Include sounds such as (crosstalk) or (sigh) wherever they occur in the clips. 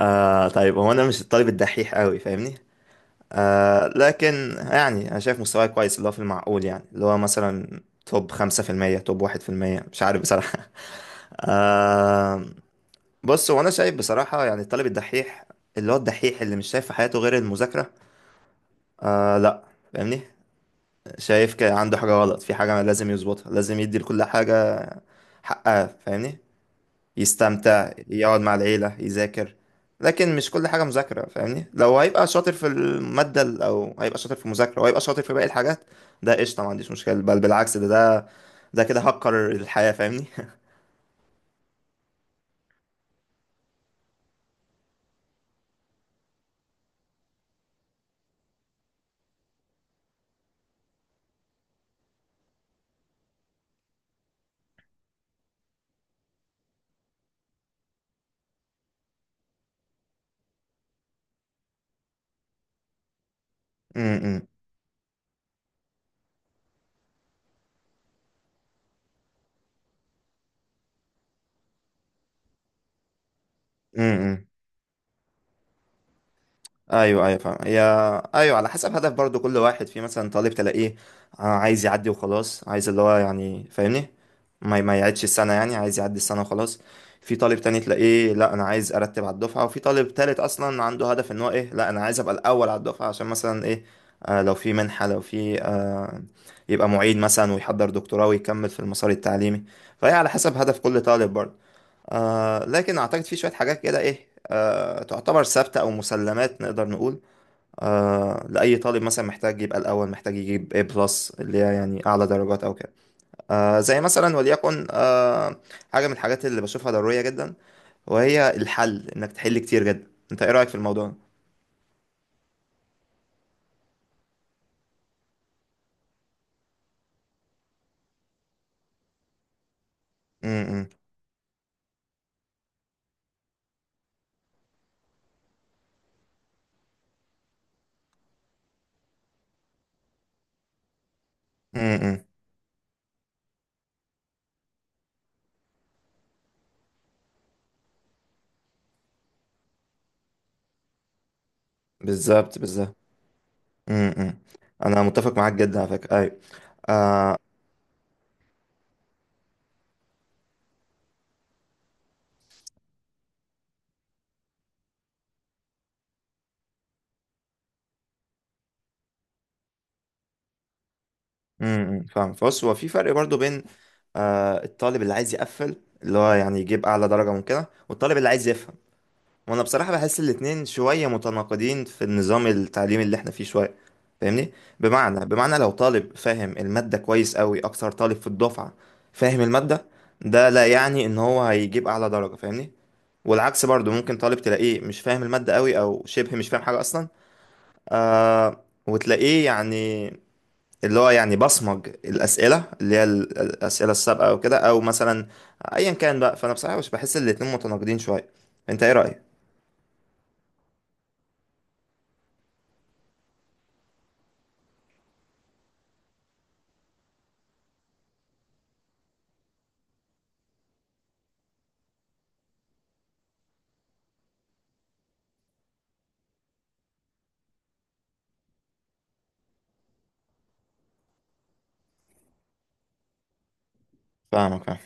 طيب، هو انا مش الطالب الدحيح قوي، فاهمني؟ لكن يعني انا شايف مستواي كويس، اللي هو في المعقول، يعني اللي هو مثلا توب 5%، توب 1%، مش عارف بصراحة. (laughs) آه. بص، هو انا شايف بصراحة يعني الطالب الدحيح، اللي هو الدحيح، اللي مش شايف في حياته غير المذاكرة. آه، لا. فاهمني؟ شايف كده عنده حاجة غلط، في حاجة لازم يظبطها، لازم يدي لكل حاجة حقها، فاهمني؟ يستمتع، يقعد مع العيلة، يذاكر، لكن مش كل حاجة مذاكرة، فاهمني؟ لو هيبقى شاطر في المادة أو هيبقى شاطر في المذاكرة، وهيبقى شاطر في باقي الحاجات، ده قشطة، ما عنديش مشكلة، بل بالعكس، ده كده هكر الحياة، فاهمني؟ (laughs) م- م- م- م. ايوه، ايوه، فاهم. هي، ايوه، على حسب هدف برضو كل واحد. في مثلا طالب تلاقيه عايز يعدي وخلاص، عايز اللي هو يعني، فاهمني؟ ما يعيدش السنه، يعني عايز يعدي السنه وخلاص. في طالب تاني تلاقيه لا انا عايز ارتب على الدفعه، وفي طالب تالت اصلا عنده هدف ان هو ايه، لا انا عايز ابقى الاول على الدفعه عشان مثلا ايه، لو في منحه، لو في يبقى معيد مثلا، ويحضر دكتوراه، ويكمل في المسار التعليمي. فهي على حسب هدف كل طالب برضو. لكن أعتقد في شوية حاجات كده إيه، تعتبر ثابتة أو مسلمات نقدر نقول، لأي طالب مثلا، محتاج يبقى الأول، محتاج يجيب A بلس اللي هي يعني أعلى درجات أو كده. زي مثلا وليكن، حاجة من الحاجات اللي بشوفها ضرورية جدا، وهي الحل. إنك تحل كتير جدا. أنت إيه رأيك في الموضوع؟ امم. امم. بالظبط، بالظبط. امم. انا متفق معاك جدا على فكره، ايوه. آه. امم، فاهم. بص، هو في فرق برضو بين الطالب اللي عايز يقفل، اللي هو يعني يجيب اعلى درجة ممكنة، والطالب اللي عايز يفهم. وانا بصراحة بحس الاتنين شوية متناقضين في النظام التعليمي اللي احنا فيه شوية، فاهمني؟ بمعنى لو طالب فاهم المادة كويس قوي، اكتر طالب في الدفعة فاهم المادة، ده لا يعني ان هو هيجيب اعلى درجة، فاهمني؟ والعكس برضو، ممكن طالب تلاقيه مش فاهم المادة قوي، او شبه مش فاهم حاجة اصلا. وتلاقيه يعني، اللي هو يعني بصمج الأسئلة، اللي هي الأسئلة السابقة أو كده، أو مثلا أيا كان بقى. فأنا بصراحة مش بحس الاتنين متناقضين شوية. أنت إيه رأيك؟ فاهمك، فاهم.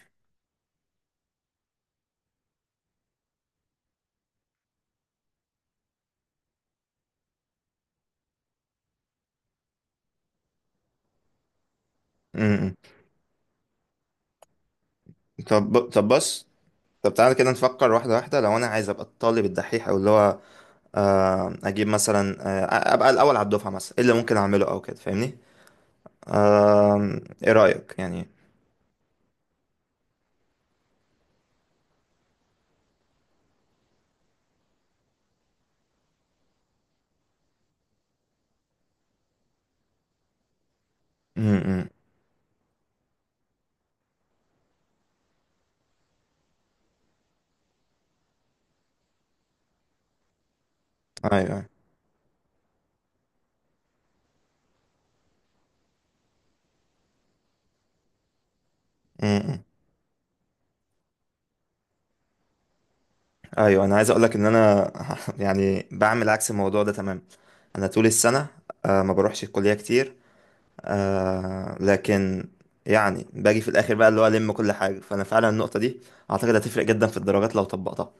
م- م. طب، طب بص. طب تعالى كده نفكر واحدة واحدة. لو أنا عايز أبقى الطالب الدحيح، أو اللي هو أجيب مثلا، أبقى الأول على الدفعة مثلا، إيه اللي ممكن أعمله أو كده، فاهمني؟ آم، إيه رأيك يعني؟ م- م. أيوه، أيوه. م- م. أيوه، أنا عايز أقولك إن أنا (laughs) يعني بعمل عكس الموضوع ده تماما. انا طول السنه ما بروحش الكليه كتير، لكن يعني باجي في الاخر بقى اللي هو الم كل حاجه. فانا فعلا النقطه دي اعتقد هتفرق جدا في الدرجات لو طبقتها.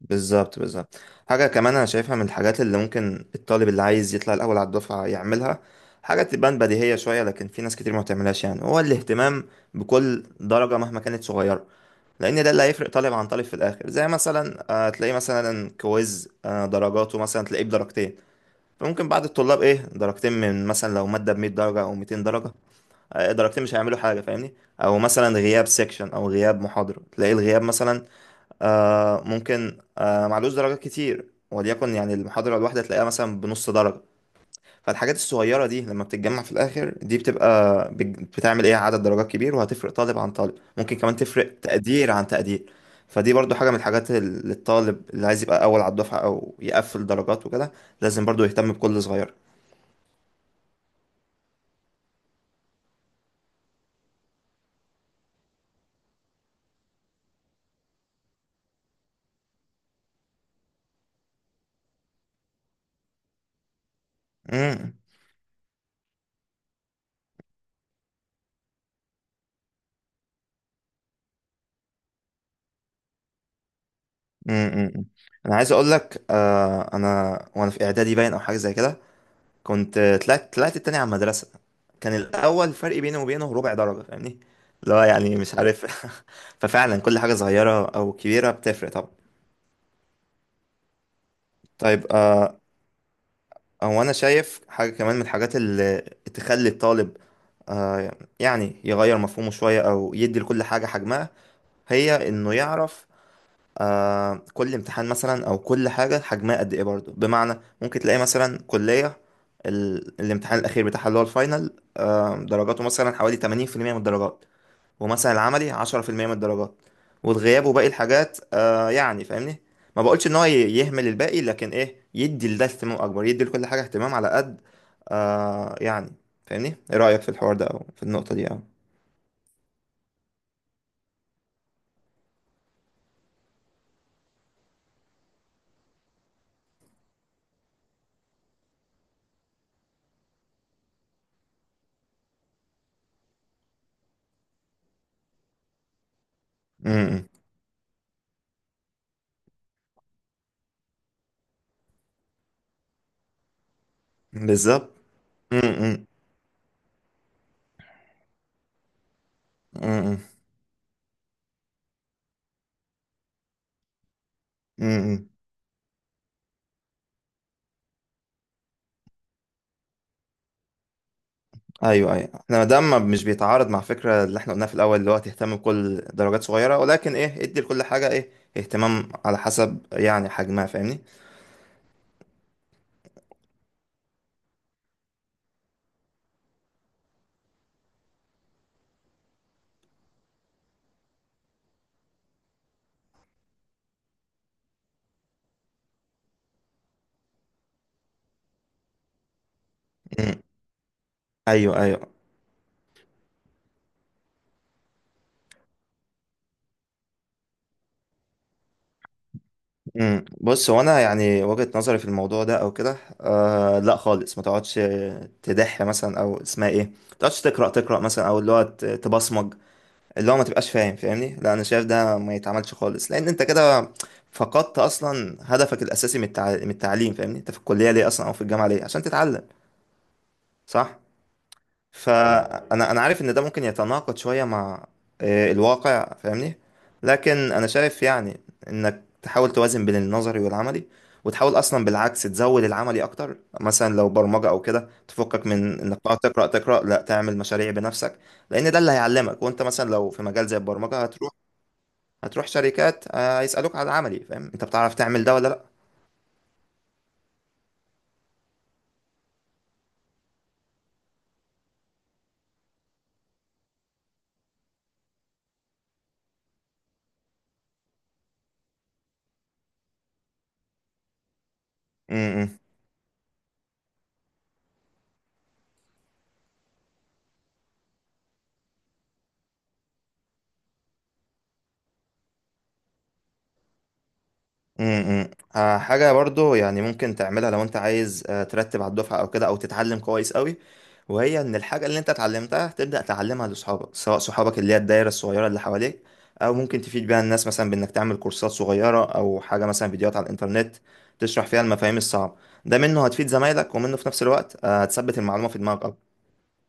بالظبط، بالظبط. حاجه كمان انا شايفها من الحاجات اللي ممكن الطالب اللي عايز يطلع الاول على الدفعه يعملها، حاجه تبان بديهيه شويه لكن في ناس كتير ما بتعملهاش، يعني هو الاهتمام بكل درجه مهما كانت صغيره، لان ده اللي هيفرق طالب عن طالب في الاخر. زي مثلا تلاقيه مثلا كويز، درجاته مثلا تلاقيه بدرجتين، فممكن بعض الطلاب ايه، درجتين من مثلا لو مادة ب 100 درجة او 200 درجة، درجتين مش هيعملوا حاجة، فاهمني؟ او مثلا غياب سيكشن، او غياب محاضرة، تلاقي الغياب مثلا ممكن معلوش درجات كتير، وليكن يعني المحاضرة الواحدة تلاقيها مثلا بنص درجة. فالحاجات الصغيرة دي لما بتتجمع في الاخر، دي بتبقى بتعمل ايه، عدد درجات كبير، وهتفرق طالب عن طالب، ممكن كمان تفرق تقدير عن تقدير. فدي برضو حاجة من الحاجات اللي الطالب اللي عايز يبقى اول على الدفعة او يقفل درجات وكده لازم برضو يهتم بكل صغير. امم. امم. انا عايز اقول لك، انا وانا في اعدادي، باين او حاجه زي كده، كنت طلعت التاني على المدرسه، كان الاول فرق بيني وبينه ربع درجه، فاهمني؟ لا يعني مش عارف. (laughs) ففعلا كل حاجه صغيره او كبيره بتفرق طبعا. طيب، هو انا شايف حاجه كمان من الحاجات اللي تخلي الطالب آه يعني يغير مفهومه شويه، او يدي لكل حاجه حجمها، هي انه يعرف كل امتحان مثلا، او كل حاجه حجمها قد ايه برضو. بمعنى ممكن تلاقي مثلا كليه، ال... الامتحان الاخير بتاعها اللي هو الفاينل درجاته مثلا حوالي 80% من الدرجات، ومثلا العملي 10% من الدرجات، والغياب وباقي الحاجات، يعني فاهمني؟ ما بقولش ان هو يهمل الباقي، لكن ايه، يدي لده اهتمام اكبر، يدي لكل حاجه اهتمام على قد يعني، فاهمني؟ ايه رايك في الحوار ده او في النقطه دي، او م- م. بالظبط. م- م. م- م. م- م. ايوه، ايوه. احنا ما دام مش بيتعارض مع فكره اللي احنا قلناها في الاول، اللي هو تهتم بكل درجات صغيره، ولكن ايه ادي لكل حاجه ايه اهتمام على حسب يعني حجمها، فاهمني؟ امم، ايوه، ايوه. امم، بص هو انا يعني وجهه نظري في الموضوع ده او كده، لا خالص، ما تقعدش تدح مثلا، او اسمها ايه، ما تقعدش تقرا تقرا مثلا، او اللي هو تبصمج، اللي هو ما تبقاش فاهم، فاهمني؟ لا، انا شايف ده ما يتعملش خالص، لان انت كده فقدت اصلا هدفك الاساسي من من التعليم، فاهمني؟ انت في الكليه ليه اصلا، او في الجامعه ليه؟ عشان تتعلم. صح. فانا، انا عارف ان ده ممكن يتناقض شويه مع الواقع، فاهمني؟ لكن انا شايف يعني، انك تحاول توازن بين النظري والعملي، وتحاول اصلا بالعكس تزود العملي اكتر، مثلا لو برمجه او كده، تفكك من انك تقعد تقرا تقرا، لا، تعمل مشاريع بنفسك، لان ده اللي هيعلمك. وانت مثلا لو في مجال زي البرمجه هتروح، هتروح شركات، هيسالوك على العملي، فاهم؟ انت بتعرف تعمل ده ولا لا؟ م- م. امم، حاجة برضو يعني ممكن تعملها لو انت عايز ترتب على الدفعة او كده، او تتعلم كويس قوي، وهي ان الحاجة اللي انت اتعلمتها تبدأ تعلمها لصحابك، سواء صحابك اللي هي الدايرة الصغيرة اللي حواليك، او ممكن تفيد بيها الناس مثلا بانك تعمل كورسات صغيرة، او حاجة مثلا فيديوهات على الانترنت، تشرح فيها المفاهيم الصعبة. ده منه هتفيد زمايلك، ومنه في نفس الوقت هتثبت المعلومة في دماغك.